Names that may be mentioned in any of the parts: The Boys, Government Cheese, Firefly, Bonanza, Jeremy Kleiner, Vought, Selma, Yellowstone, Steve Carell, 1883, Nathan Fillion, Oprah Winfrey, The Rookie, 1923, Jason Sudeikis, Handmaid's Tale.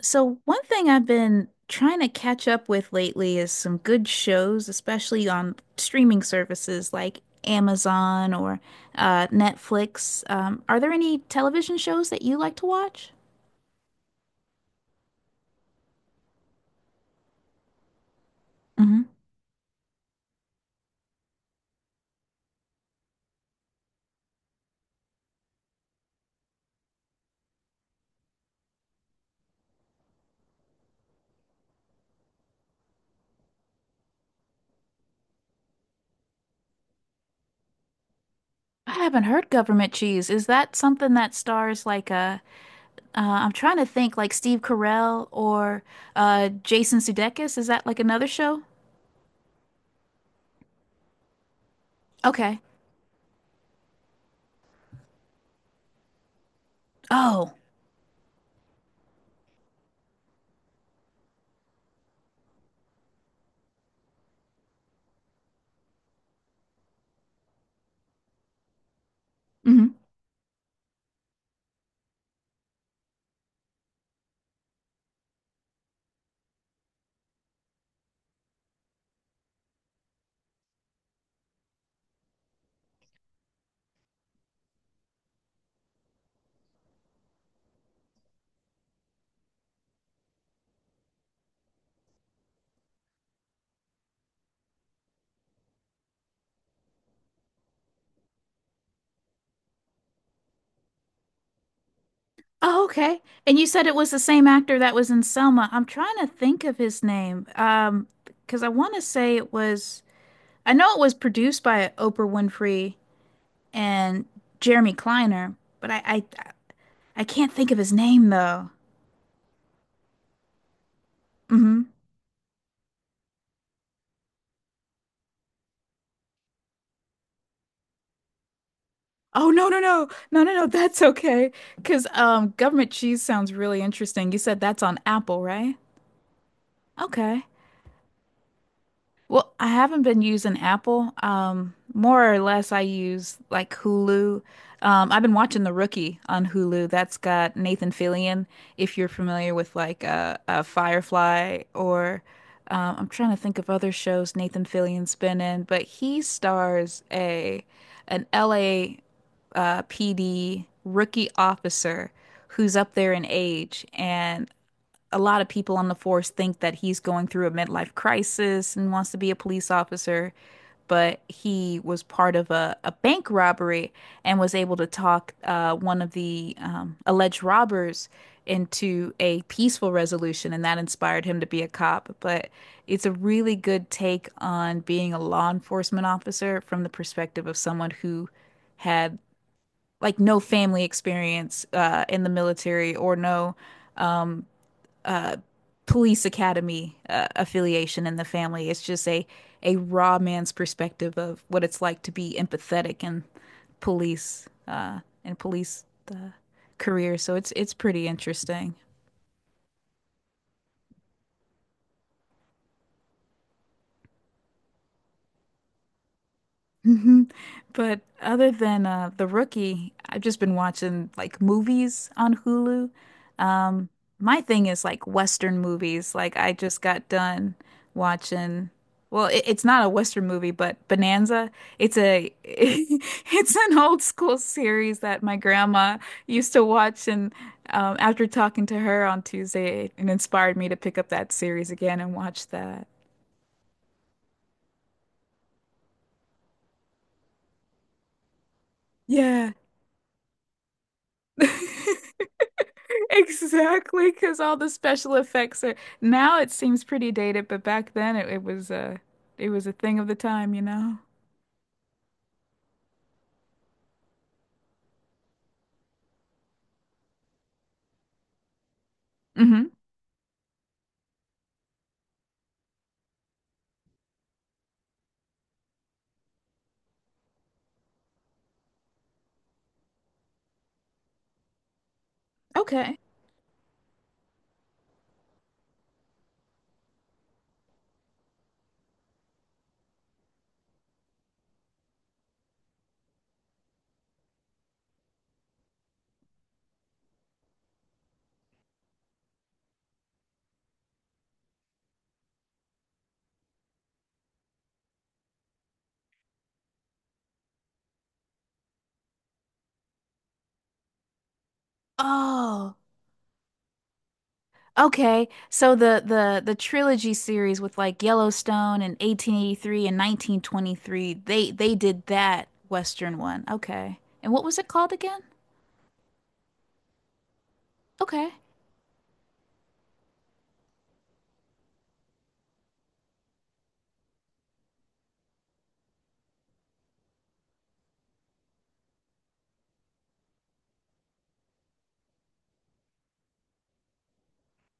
So, one thing I've been trying to catch up with lately is some good shows, especially on streaming services like Amazon or Netflix. Are there any television shows that you like to watch? Hmm. I haven't heard Government Cheese. Is that something that stars like I'm trying to think, like Steve Carell or Jason Sudeikis? Is that like another show? Okay. Oh. Oh, okay. And you said it was the same actor that was in Selma. I'm trying to think of his name. Because I want to say it was, I know it was produced by Oprah Winfrey and Jeremy Kleiner, but I can't think of his name though. Hmm. Oh, no, no, no, no, no, no, that's okay. Because Government Cheese sounds really interesting. You said that's on Apple, right? Okay. Well, I haven't been using Apple. More or less, I use like Hulu. I've been watching The Rookie on Hulu. That's got Nathan Fillion, if you're familiar with like Firefly, or I'm trying to think of other shows Nathan Fillion's been in, but he stars a an LA PD rookie officer who's up there in age, and a lot of people on the force think that he's going through a midlife crisis and wants to be a police officer, but he was part of a bank robbery and was able to talk one of the alleged robbers into a peaceful resolution, and that inspired him to be a cop. But it's a really good take on being a law enforcement officer from the perspective of someone who had like no family experience in the military, or no uh, police academy affiliation in the family. It's just a raw man's perspective of what it's like to be empathetic in police and police uh, career. So it's pretty interesting. Mhm. But other than The Rookie, I've just been watching like movies on Hulu. Um, my thing is like Western movies. Like I just got done watching. Well, it's not a Western movie, but Bonanza. It's a it's an old school series that my grandma used to watch, and after talking to her on Tuesday, it inspired me to pick up that series again and watch that. Yeah. Exactly, because all the special effects are now, it seems pretty dated, but back then it was a thing of the time, you know? Hmm. Okay. Oh, okay. So the trilogy series with like Yellowstone and 1883 and 1923, they did that Western one. Okay. And what was it called again? Okay.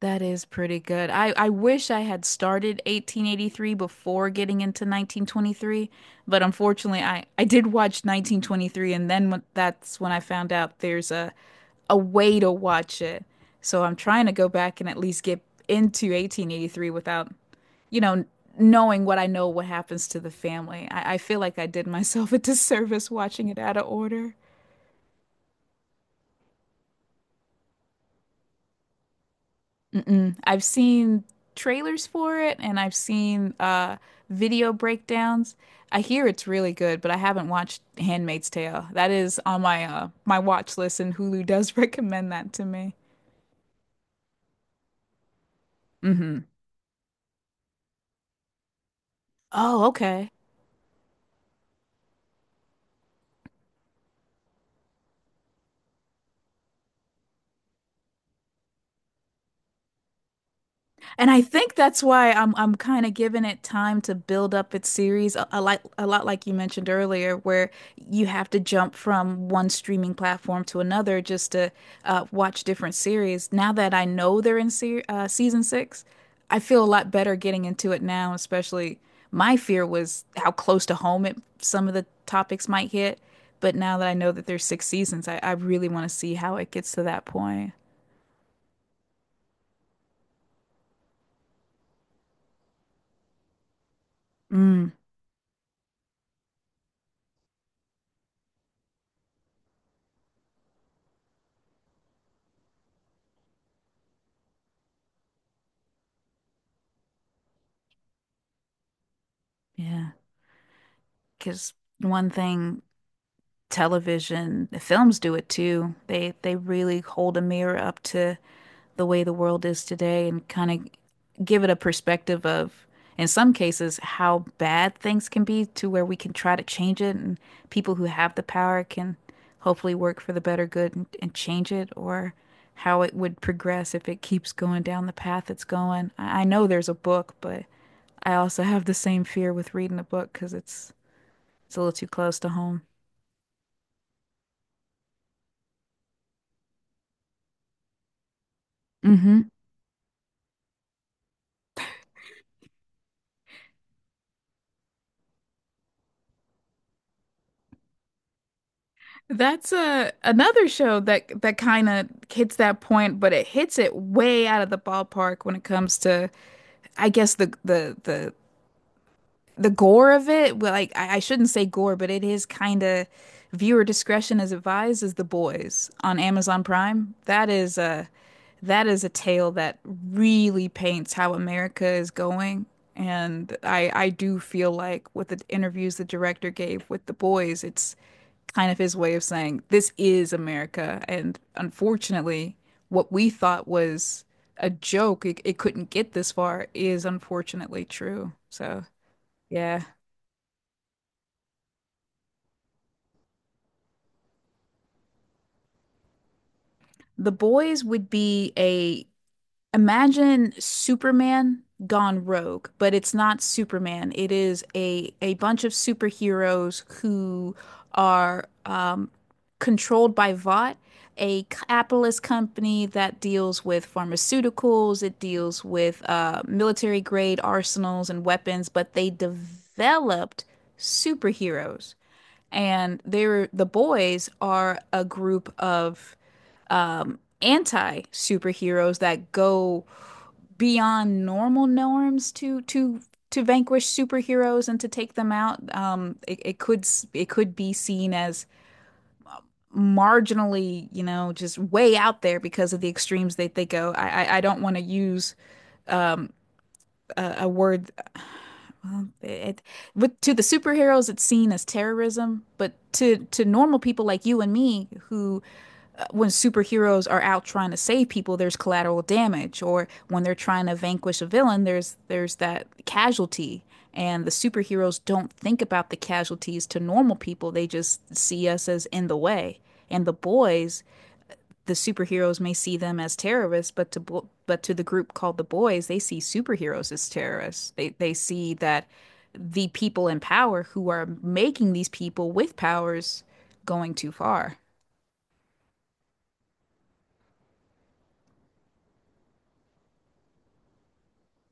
That is pretty good. I wish I had started 1883 before getting into 1923, but unfortunately, I did watch 1923, and that's when I found out there's a way to watch it. So I'm trying to go back and at least get into 1883 without, you know, knowing what I know what happens to the family. I feel like I did myself a disservice watching it out of order. Mm-mm. I've seen trailers for it, and I've seen video breakdowns. I hear it's really good, but I haven't watched Handmaid's Tale. That is on my my watch list, and Hulu does recommend that to me. Hmm. Oh, okay. And I think that's why I'm kind of giving it time to build up its series a lot like you mentioned earlier, where you have to jump from one streaming platform to another just to watch different series. Now that I know they're in se season six, I feel a lot better getting into it now. Especially my fear was how close to home some of the topics might hit, but now that I know that there's six seasons, I really want to see how it gets to that point. Mm, yeah, because one thing. Television, the films do it too. They really hold a mirror up to the way the world is today, and kind of give it a perspective of, in some cases, how bad things can be, to where we can try to change it, and people who have the power can hopefully work for the better good, and change it, or how it would progress if it keeps going down the path it's going. I know there's a book, but I also have the same fear with reading a book, because it's a little too close to home. Mm-hmm. That's a another show that that kind of hits that point, but it hits it way out of the ballpark when it comes to, I guess, the gore of it. Well, like I shouldn't say gore, but it is kind of, viewer discretion is advised. Is The Boys on Amazon Prime? That is a tale that really paints how America is going. And I do feel like with the interviews the director gave with The Boys, it's kind of his way of saying this is America. And unfortunately, what we thought was a joke, it couldn't get this far, is unfortunately true. So, yeah. The Boys would be a, imagine Superman gone rogue, but it's not Superman. It is a bunch of superheroes who are controlled by Vought, a capitalist company that deals with pharmaceuticals. It deals with military grade arsenals and weapons, but they developed superheroes, and they're the boys are a group of anti-superheroes that go beyond normal norms to vanquish superheroes and to take them out. It could be seen as marginally, you know, just way out there because of the extremes that they go. I don't want to use a word. Well, it, with to the superheroes, it's seen as terrorism, but to normal people like you and me, who, when superheroes are out trying to save people, there's collateral damage, or when they're trying to vanquish a villain, there's that casualty, and the superheroes don't think about the casualties to normal people. They just see us as in the way. And the boys, the superheroes may see them as terrorists, but but to the group called the boys, they see superheroes as terrorists. They see that the people in power who are making these people with powers going too far.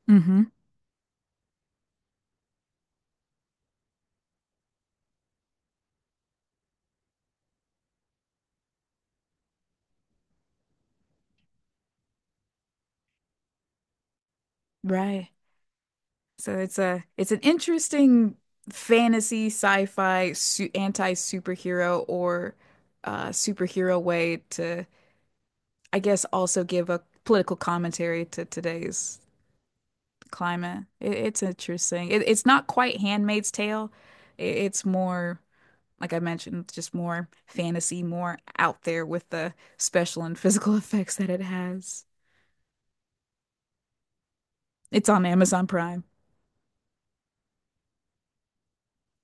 Mm-hmm. Right. So it's a it's an interesting fantasy sci-fi su anti-superhero or superhero way to, I guess, also give a political commentary to today's climate. It's interesting. It's not quite Handmaid's Tale. It's more, like I mentioned, just more fantasy, more out there with the special and physical effects that it has. It's on Amazon Prime.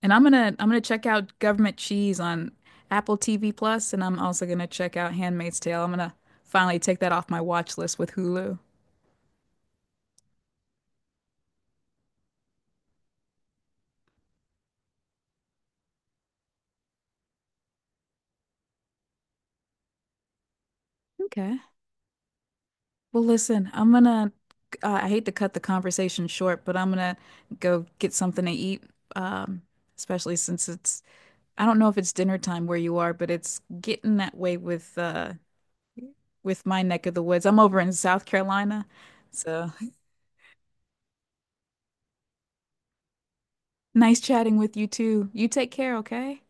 And I'm gonna check out Government Cheese on Apple TV Plus, and I'm also gonna check out Handmaid's Tale. I'm gonna finally take that off my watch list with Hulu. Okay. Well, listen, I'm gonna, I hate to cut the conversation short, but I'm gonna go get something to eat. Um, Especially since it's, I don't know if it's dinner time where you are, but it's getting that way with my neck of the woods. I'm over in South Carolina, so nice chatting with you too. You take care, okay?